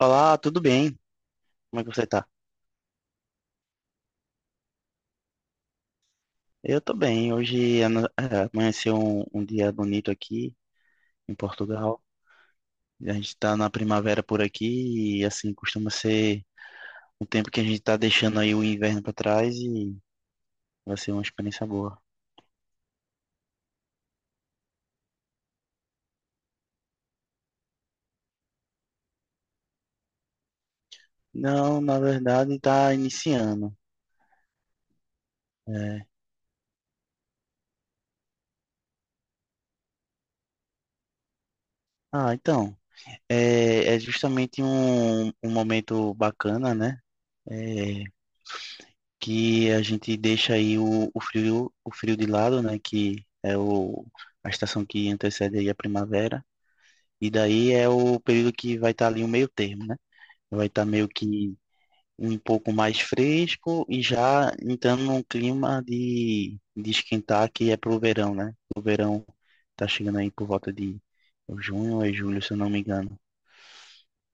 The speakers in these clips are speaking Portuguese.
Olá, tudo bem? Como é que você tá? Eu tô bem. Amanheceu um dia bonito aqui em Portugal. A gente tá na primavera por aqui e assim costuma ser um tempo que a gente tá deixando aí o inverno pra trás e vai ser uma experiência boa. Não, na verdade tá iniciando. É. Ah, então, é justamente um momento bacana, né? É, que a gente deixa aí o frio, o frio de lado, né? Que é o, a estação que antecede aí a primavera. E daí é o período que vai estar ali o meio termo, né? Vai estar meio que um pouco mais fresco e já entrando num clima de esquentar que é pro verão, né? O verão tá chegando aí por volta de junho ou julho, se eu não me engano.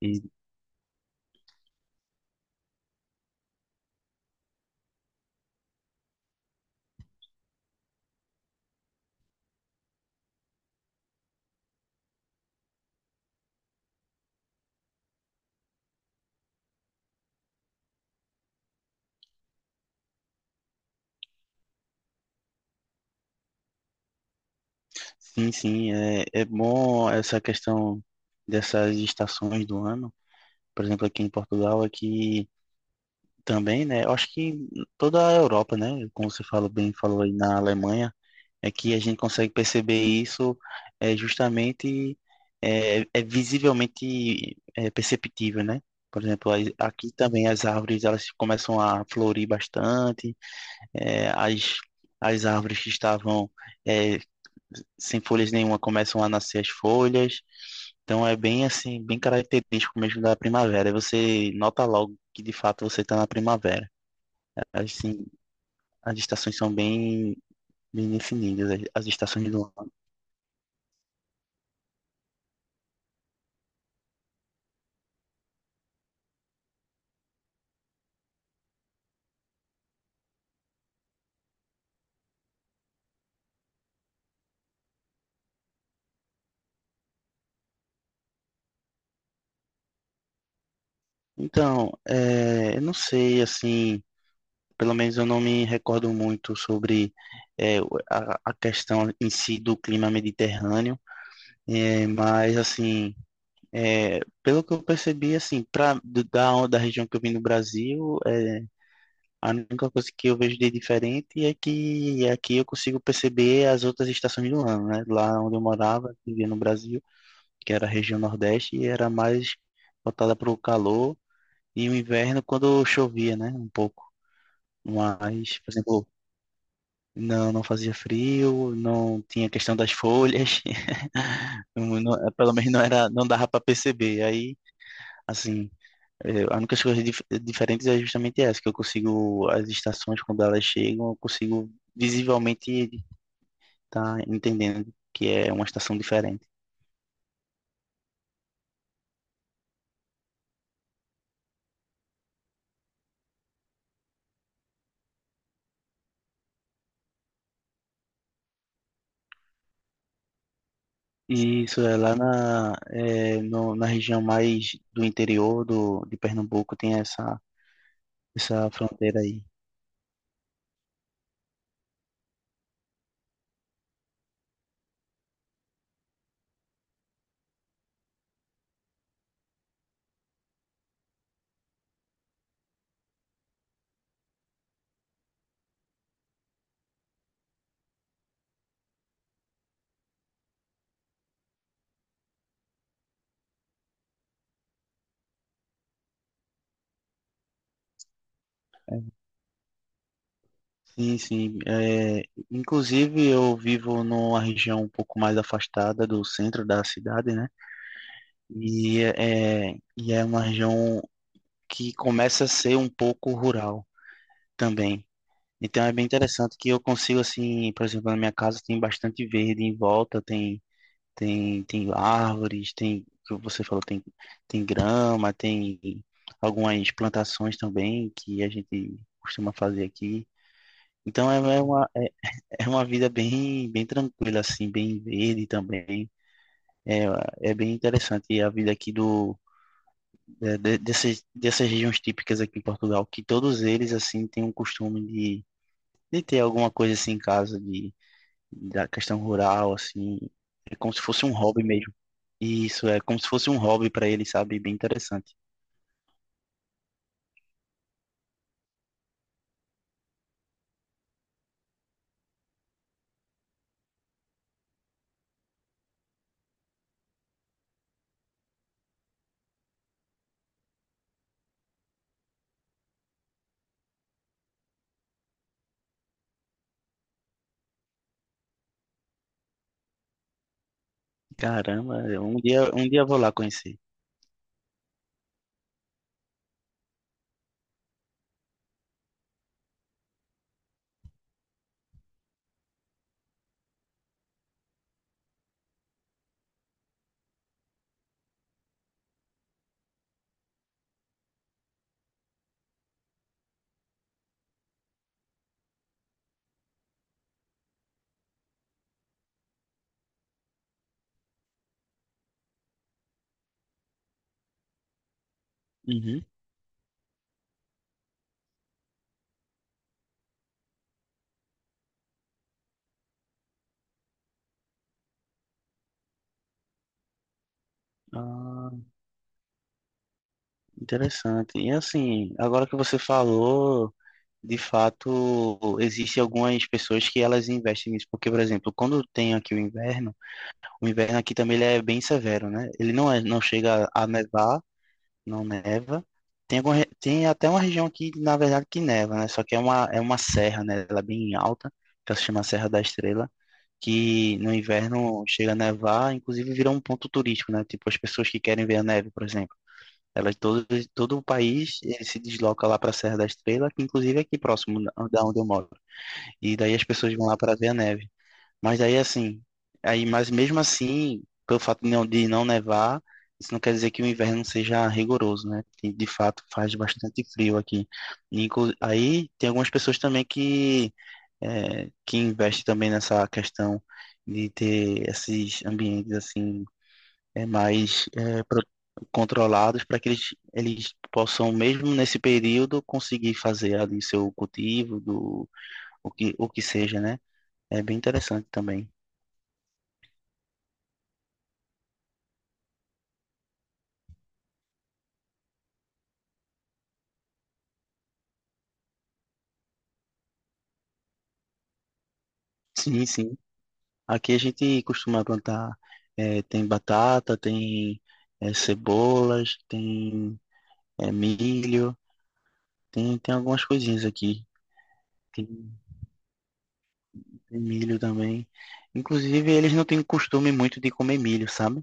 E sim, sim, é, é bom essa questão dessas estações do ano, por exemplo, aqui em Portugal, aqui também, né? Eu acho que em toda a Europa, né? Como você falou bem, falou aí na Alemanha, é que a gente consegue perceber isso é justamente é visivelmente perceptível, né? Por exemplo, aqui também as árvores elas começam a florir bastante, as, as árvores que estavam é, sem folhas nenhuma começam a nascer as folhas. Então é bem assim, bem característico mesmo da primavera. E você nota logo que de fato você está na primavera. Assim, as estações são bem, bem definidas, as estações do ano. Então, é, eu não sei, assim, pelo menos eu não me recordo muito sobre é, a questão em si do clima mediterrâneo, é, mas assim. Pelo que eu percebi, assim, da região que eu vim no Brasil, é, a única coisa que eu vejo de diferente é que aqui eu consigo perceber as outras estações do ano, né? Lá onde eu morava, vivia no Brasil, que era a região Nordeste, e era mais voltada para o calor e o inverno quando chovia, né? Um pouco. Mas, por exemplo, não, não fazia frio, não tinha questão das folhas, pelo menos não era, não dava para perceber. Aí, assim. É, a única coisa diferente é justamente essa, que eu consigo, as estações, quando elas chegam, eu consigo visivelmente estar entendendo que é uma estação diferente. E isso é lá na, é, na região mais do interior do, de Pernambuco, tem essa, essa fronteira aí. Sim, sim. É, inclusive, eu vivo numa região um pouco mais afastada do centro da cidade, né? E é, e é uma região que começa a ser um pouco rural. Também. Então é bem interessante que eu consigo, assim, por exemplo, na minha casa tem bastante verde em volta, tem, tem árvores, tem, como você falou, tem, tem grama, tem algumas plantações também que a gente costuma fazer aqui. Então é uma, é uma vida bem, bem tranquila, assim, bem verde também. É, é bem interessante e a vida aqui do, dessas, dessas regiões típicas aqui em Portugal, que todos eles, assim, têm um costume de ter alguma coisa assim em casa de, da questão rural, assim. É como se fosse um hobby mesmo. E isso, é como se fosse um hobby para ele, sabe? Bem interessante. Caramba, um dia eu vou lá conhecer. Uhum. Ah, interessante. E assim, agora que você falou, de fato, existem algumas pessoas que elas investem nisso. Porque, por exemplo, quando tem aqui o inverno, o inverno aqui também ele é bem severo, né? Ele não é, não chega a nevar, não neva. Tem, tem até uma região aqui, na verdade, que neva, né? Só que é uma serra, né? Ela é bem alta, que ela se chama Serra da Estrela, que no inverno chega a nevar, inclusive vira um ponto turístico, né? Tipo, as pessoas que querem ver a neve, por exemplo. Elas, todo, todo o país ele se desloca lá para a Serra da Estrela, que inclusive é aqui próximo da onde eu moro. E daí as pessoas vão lá para ver a neve. Mas aí assim, aí, mas mesmo assim, pelo fato de não nevar, isso não quer dizer que o inverno seja rigoroso, né? De fato, faz bastante frio aqui. E, aí tem algumas pessoas também que, é, que investem também nessa questão de ter esses ambientes assim, é, mais é, pro- controlados para que eles possam, mesmo nesse período, conseguir fazer ali seu cultivo, do, o que seja, né? É bem interessante também. Sim, sim. Aqui a gente costuma plantar, tem batata, tem, cebolas, tem, milho, tem, tem algumas coisinhas aqui. Tem, tem milho também. Inclusive, eles não têm costume muito de comer milho, sabe?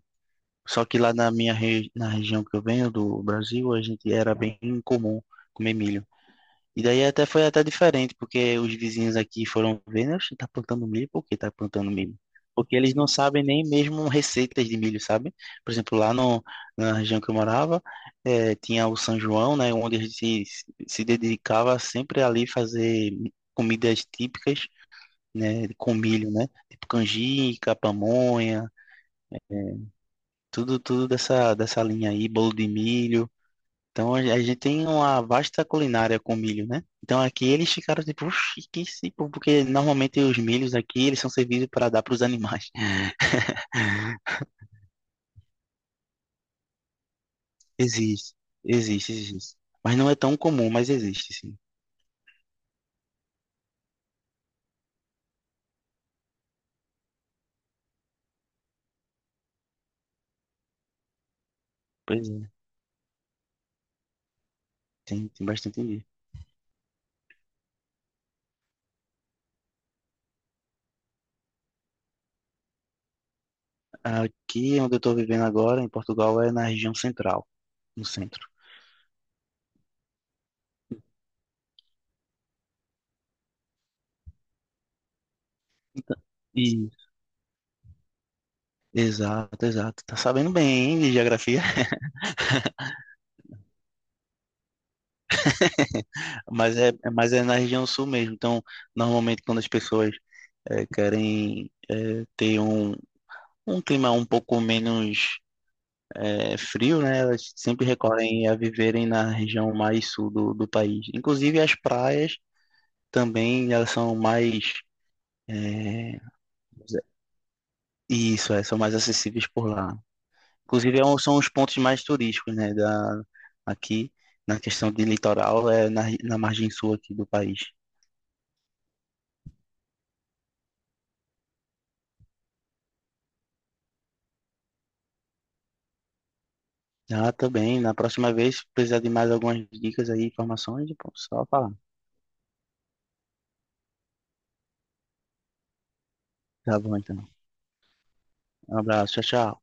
Só que lá na na região que eu venho do Brasil, a gente era bem comum comer milho. E daí até foi até diferente, porque os vizinhos aqui foram vendo, oxe, tá plantando milho, por que tá plantando milho? Porque eles não sabem nem mesmo receitas de milho, sabe? Por exemplo, lá no, na região que eu morava, tinha o São João, né, onde a gente se, se dedicava sempre ali fazer comidas típicas, né, com milho, né? Tipo canjica, pamonha, tudo, tudo dessa, dessa linha aí, bolo de milho. Então a gente tem uma vasta culinária com milho, né? Então aqui eles ficaram tipo, "Oxi, que se..." porque normalmente os milhos aqui eles são servidos para dar para os animais. Existe, existe, existe. Mas não é tão comum, mas existe, sim. Pois é, tem, tem bastante milho. Aqui onde eu estou vivendo agora, em Portugal, é na região central, no centro. Então, e, exato, exato. Tá sabendo bem, hein, de geografia? Mas é na região sul mesmo. Então, normalmente quando as pessoas querem ter um um clima um pouco menos é, frio, né? Elas sempre recorrem a viverem na região mais sul do, do país. Inclusive as praias também elas são mais é, isso, é, são mais acessíveis por lá. Inclusive é são os pontos mais turísticos, né? Da aqui na questão de litoral é na, na margem sul aqui do país. Ah, também. Na próxima vez, se precisar de mais algumas dicas aí, informações, pô, só falar. Tá bom, então. Um abraço, tchau, tchau.